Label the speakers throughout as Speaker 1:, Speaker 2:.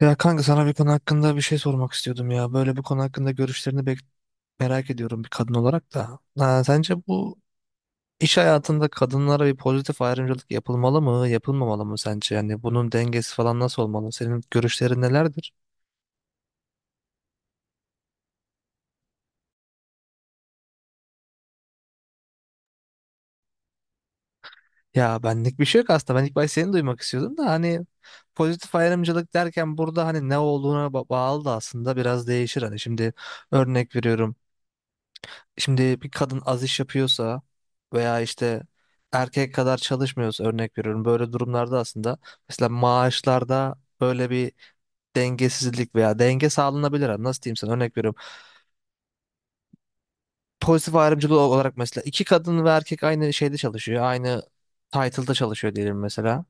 Speaker 1: Ya kanka, sana bir konu hakkında bir şey sormak istiyordum ya. Böyle bu konu hakkında merak ediyorum bir kadın olarak da. Ha, sence bu iş hayatında kadınlara bir pozitif ayrımcılık yapılmalı mı, yapılmamalı mı sence? Yani bunun dengesi falan nasıl olmalı? Senin görüşlerin nelerdir? Ya benlik bir şey yok aslında. Ben ilk başta seni duymak istiyordum da hani pozitif ayrımcılık derken burada hani ne olduğuna bağlı da aslında biraz değişir. Hani şimdi örnek veriyorum. Şimdi bir kadın az iş yapıyorsa veya işte erkek kadar çalışmıyorsa, örnek veriyorum, böyle durumlarda aslında mesela maaşlarda böyle bir dengesizlik veya denge sağlanabilir abi. Nasıl diyeyim sana, örnek veriyorum. Pozitif ayrımcılık olarak mesela iki kadın ve erkek aynı şeyde çalışıyor. Aynı title'da çalışıyor diyelim mesela.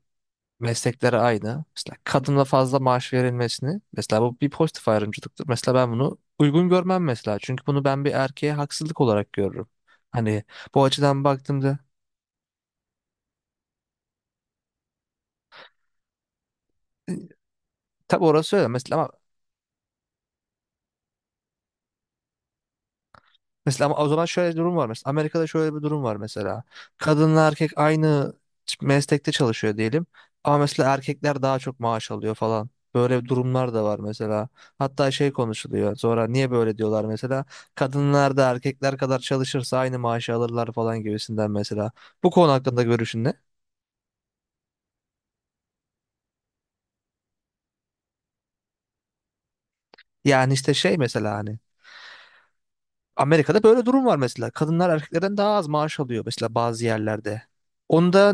Speaker 1: Meslekleri aynı. Mesela kadına fazla maaş verilmesini, mesela, bu bir pozitif ayrımcılıktır. Mesela ben bunu uygun görmem mesela. Çünkü bunu ben bir erkeğe haksızlık olarak görürüm. Hani bu açıdan baktığımda, tabii orası öyle mesela ama mesela ama o zaman şöyle bir durum var mesela, Amerika'da şöyle bir durum var mesela, kadınla erkek aynı meslekte çalışıyor diyelim ama mesela erkekler daha çok maaş alıyor falan, böyle durumlar da var mesela, hatta şey konuşuluyor sonra, niye böyle diyorlar mesela, kadınlar da erkekler kadar çalışırsa aynı maaşı alırlar falan gibisinden. Mesela bu konu hakkında görüşün ne? Yani işte şey mesela, hani Amerika'da böyle durum var mesela, kadınlar erkeklerden daha az maaş alıyor mesela bazı yerlerde. Onda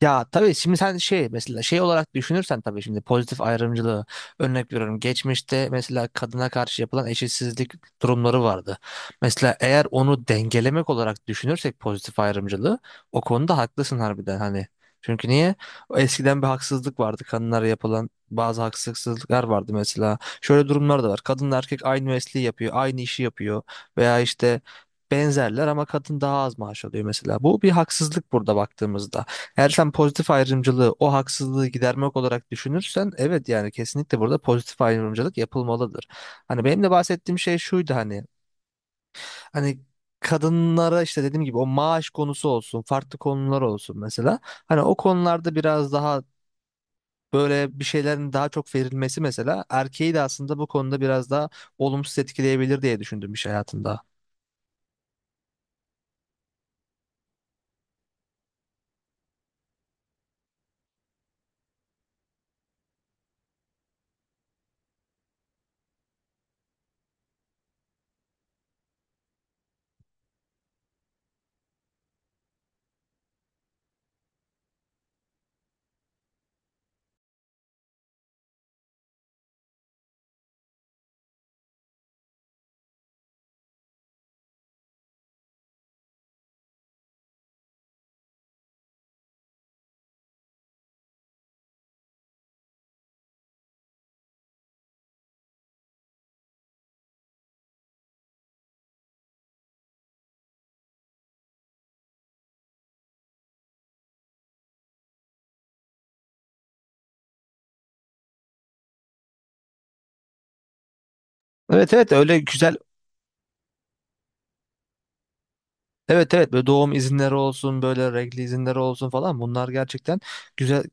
Speaker 1: ya tabii şimdi sen şey mesela, şey olarak düşünürsen tabii şimdi pozitif ayrımcılığı, örnek veriyorum, geçmişte mesela kadına karşı yapılan eşitsizlik durumları vardı. Mesela eğer onu dengelemek olarak düşünürsek pozitif ayrımcılığı, o konuda haklısın harbiden hani. Çünkü niye? O Eskiden bir haksızlık vardı. Kadınlara yapılan bazı haksızlıklar vardı mesela. Şöyle durumlar da var. Kadın erkek aynı mesleği yapıyor, aynı işi yapıyor veya işte benzerler ama kadın daha az maaş alıyor mesela. Bu bir haksızlık burada baktığımızda. Eğer sen pozitif ayrımcılığı o haksızlığı gidermek olarak düşünürsen, evet, yani kesinlikle burada pozitif ayrımcılık yapılmalıdır. Hani benim de bahsettiğim şey şuydu, hani hani kadınlara işte dediğim gibi o maaş konusu olsun, farklı konular olsun mesela. Hani o konularda biraz daha böyle bir şeylerin daha çok verilmesi mesela erkeği de aslında bu konuda biraz daha olumsuz etkileyebilir diye düşündüm iş hayatında. Evet evet, öyle güzel. Evet evet, böyle doğum izinleri olsun, böyle regl izinleri olsun falan, bunlar gerçekten güzel.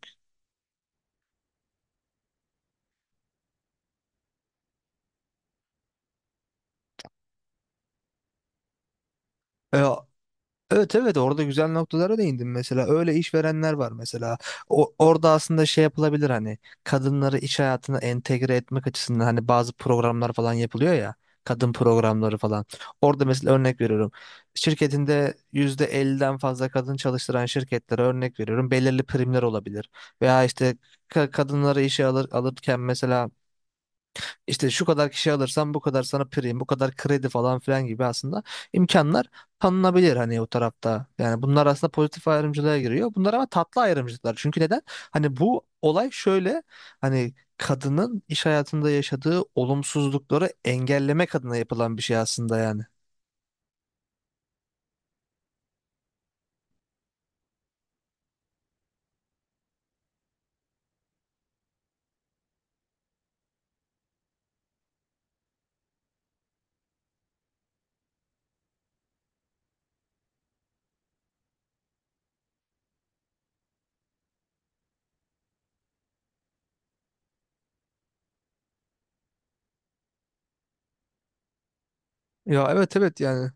Speaker 1: e, Evet evet, orada güzel noktalara değindim. Mesela öyle işverenler var mesela, orada aslında şey yapılabilir hani, kadınları iş hayatına entegre etmek açısından hani bazı programlar falan yapılıyor ya, kadın programları falan. Orada mesela, örnek veriyorum, şirketinde %50'den fazla kadın çalıştıran şirketlere, örnek veriyorum, belirli primler olabilir veya işte kadınları işe alır, alırken mesela işte şu kadar kişi alırsan bu kadar sana prim, bu kadar kredi falan filan gibi aslında imkanlar tanınabilir hani o tarafta. Yani bunlar aslında pozitif ayrımcılığa giriyor. Bunlar ama tatlı ayrımcılıklar. Çünkü neden? Hani bu olay şöyle, hani kadının iş hayatında yaşadığı olumsuzlukları engellemek adına yapılan bir şey aslında yani. Ya evet evet yani.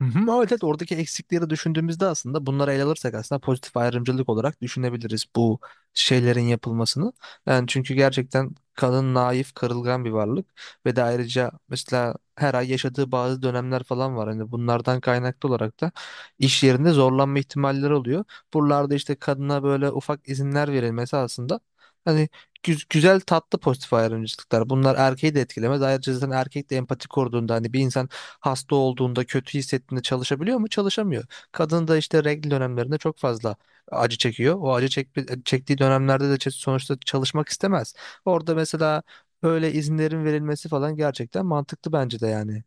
Speaker 1: Hı hı. Ama evet evet, oradaki eksikleri düşündüğümüzde aslında bunları ele alırsak aslında pozitif ayrımcılık olarak düşünebiliriz bu şeylerin yapılmasını. Yani çünkü gerçekten kadın naif, kırılgan bir varlık ve de ayrıca mesela her ay yaşadığı bazı dönemler falan var. Hani bunlardan kaynaklı olarak da iş yerinde zorlanma ihtimalleri oluyor. Buralarda işte kadına böyle ufak izinler verilmesi aslında hani güzel tatlı pozitif ayrımcılıklar. Bunlar erkeği de etkilemez. Ayrıca zaten erkek de empati kurduğunda, hani bir insan hasta olduğunda, kötü hissettiğinde çalışabiliyor mu? Çalışamıyor. Kadın da işte regl dönemlerinde çok fazla acı çekiyor. O çektiği dönemlerde de sonuçta çalışmak istemez. Orada mesela böyle izinlerin verilmesi falan gerçekten mantıklı bence de yani.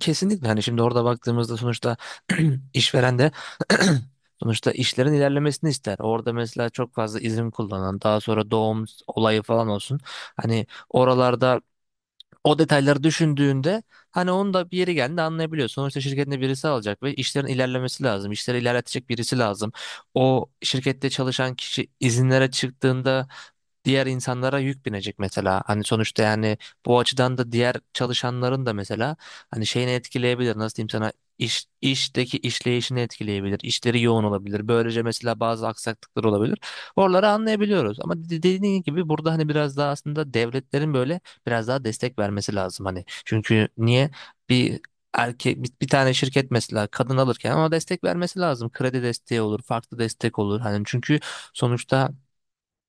Speaker 1: Kesinlikle, hani şimdi orada baktığımızda sonuçta işveren de sonuçta işlerin ilerlemesini ister. Orada mesela çok fazla izin kullanan, daha sonra doğum olayı falan olsun. Hani oralarda, o detayları düşündüğünde hani onu da bir yeri geldiğinde anlayabiliyor. Sonuçta şirketinde birisi alacak ve işlerin ilerlemesi lazım. İşleri ilerletecek birisi lazım. O şirkette çalışan kişi izinlere çıktığında diğer insanlara yük binecek mesela. Hani sonuçta yani bu açıdan da diğer çalışanların da mesela hani şeyini etkileyebilir. Nasıl diyeyim sana, işteki işleyişini etkileyebilir. İşleri yoğun olabilir. Böylece mesela bazı aksaklıklar olabilir. Oraları anlayabiliyoruz. Ama dediğin gibi burada hani biraz daha aslında devletlerin böyle biraz daha destek vermesi lazım hani. Çünkü niye, bir erkek bir tane şirket mesela kadın alırken ama destek vermesi lazım. Kredi desteği olur, farklı destek olur. Hani çünkü sonuçta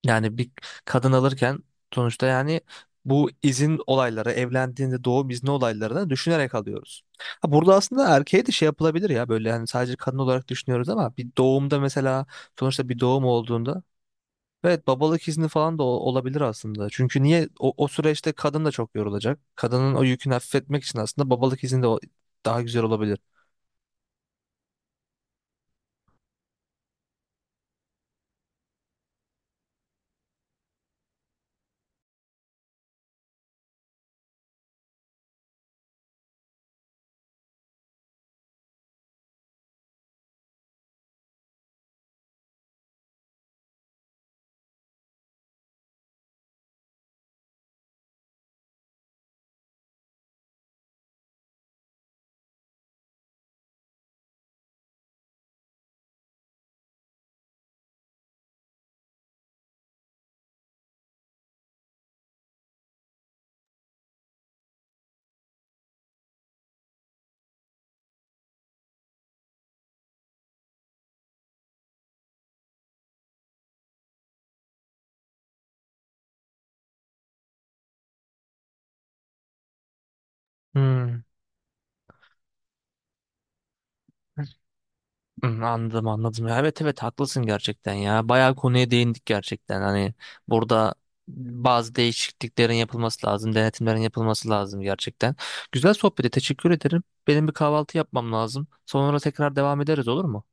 Speaker 1: yani bir kadın alırken sonuçta yani bu izin olayları, evlendiğinde doğum izni olaylarını düşünerek alıyoruz. Ha burada aslında erkeğe de şey yapılabilir ya, böyle hani sadece kadın olarak düşünüyoruz ama bir doğumda mesela, sonuçta bir doğum olduğunda evet, babalık izni falan da olabilir aslında. Çünkü niye, o süreçte kadın da çok yorulacak. Kadının o yükünü hafifletmek için aslında babalık izni de daha güzel olabilir. Hmm. Hmm, anladım anladım. Ya evet evet, haklısın gerçekten ya. Bayağı konuya değindik gerçekten. Hani burada bazı değişikliklerin yapılması lazım, denetimlerin yapılması lazım gerçekten. Güzel sohbete teşekkür ederim. Benim bir kahvaltı yapmam lazım. Sonra tekrar devam ederiz, olur mu?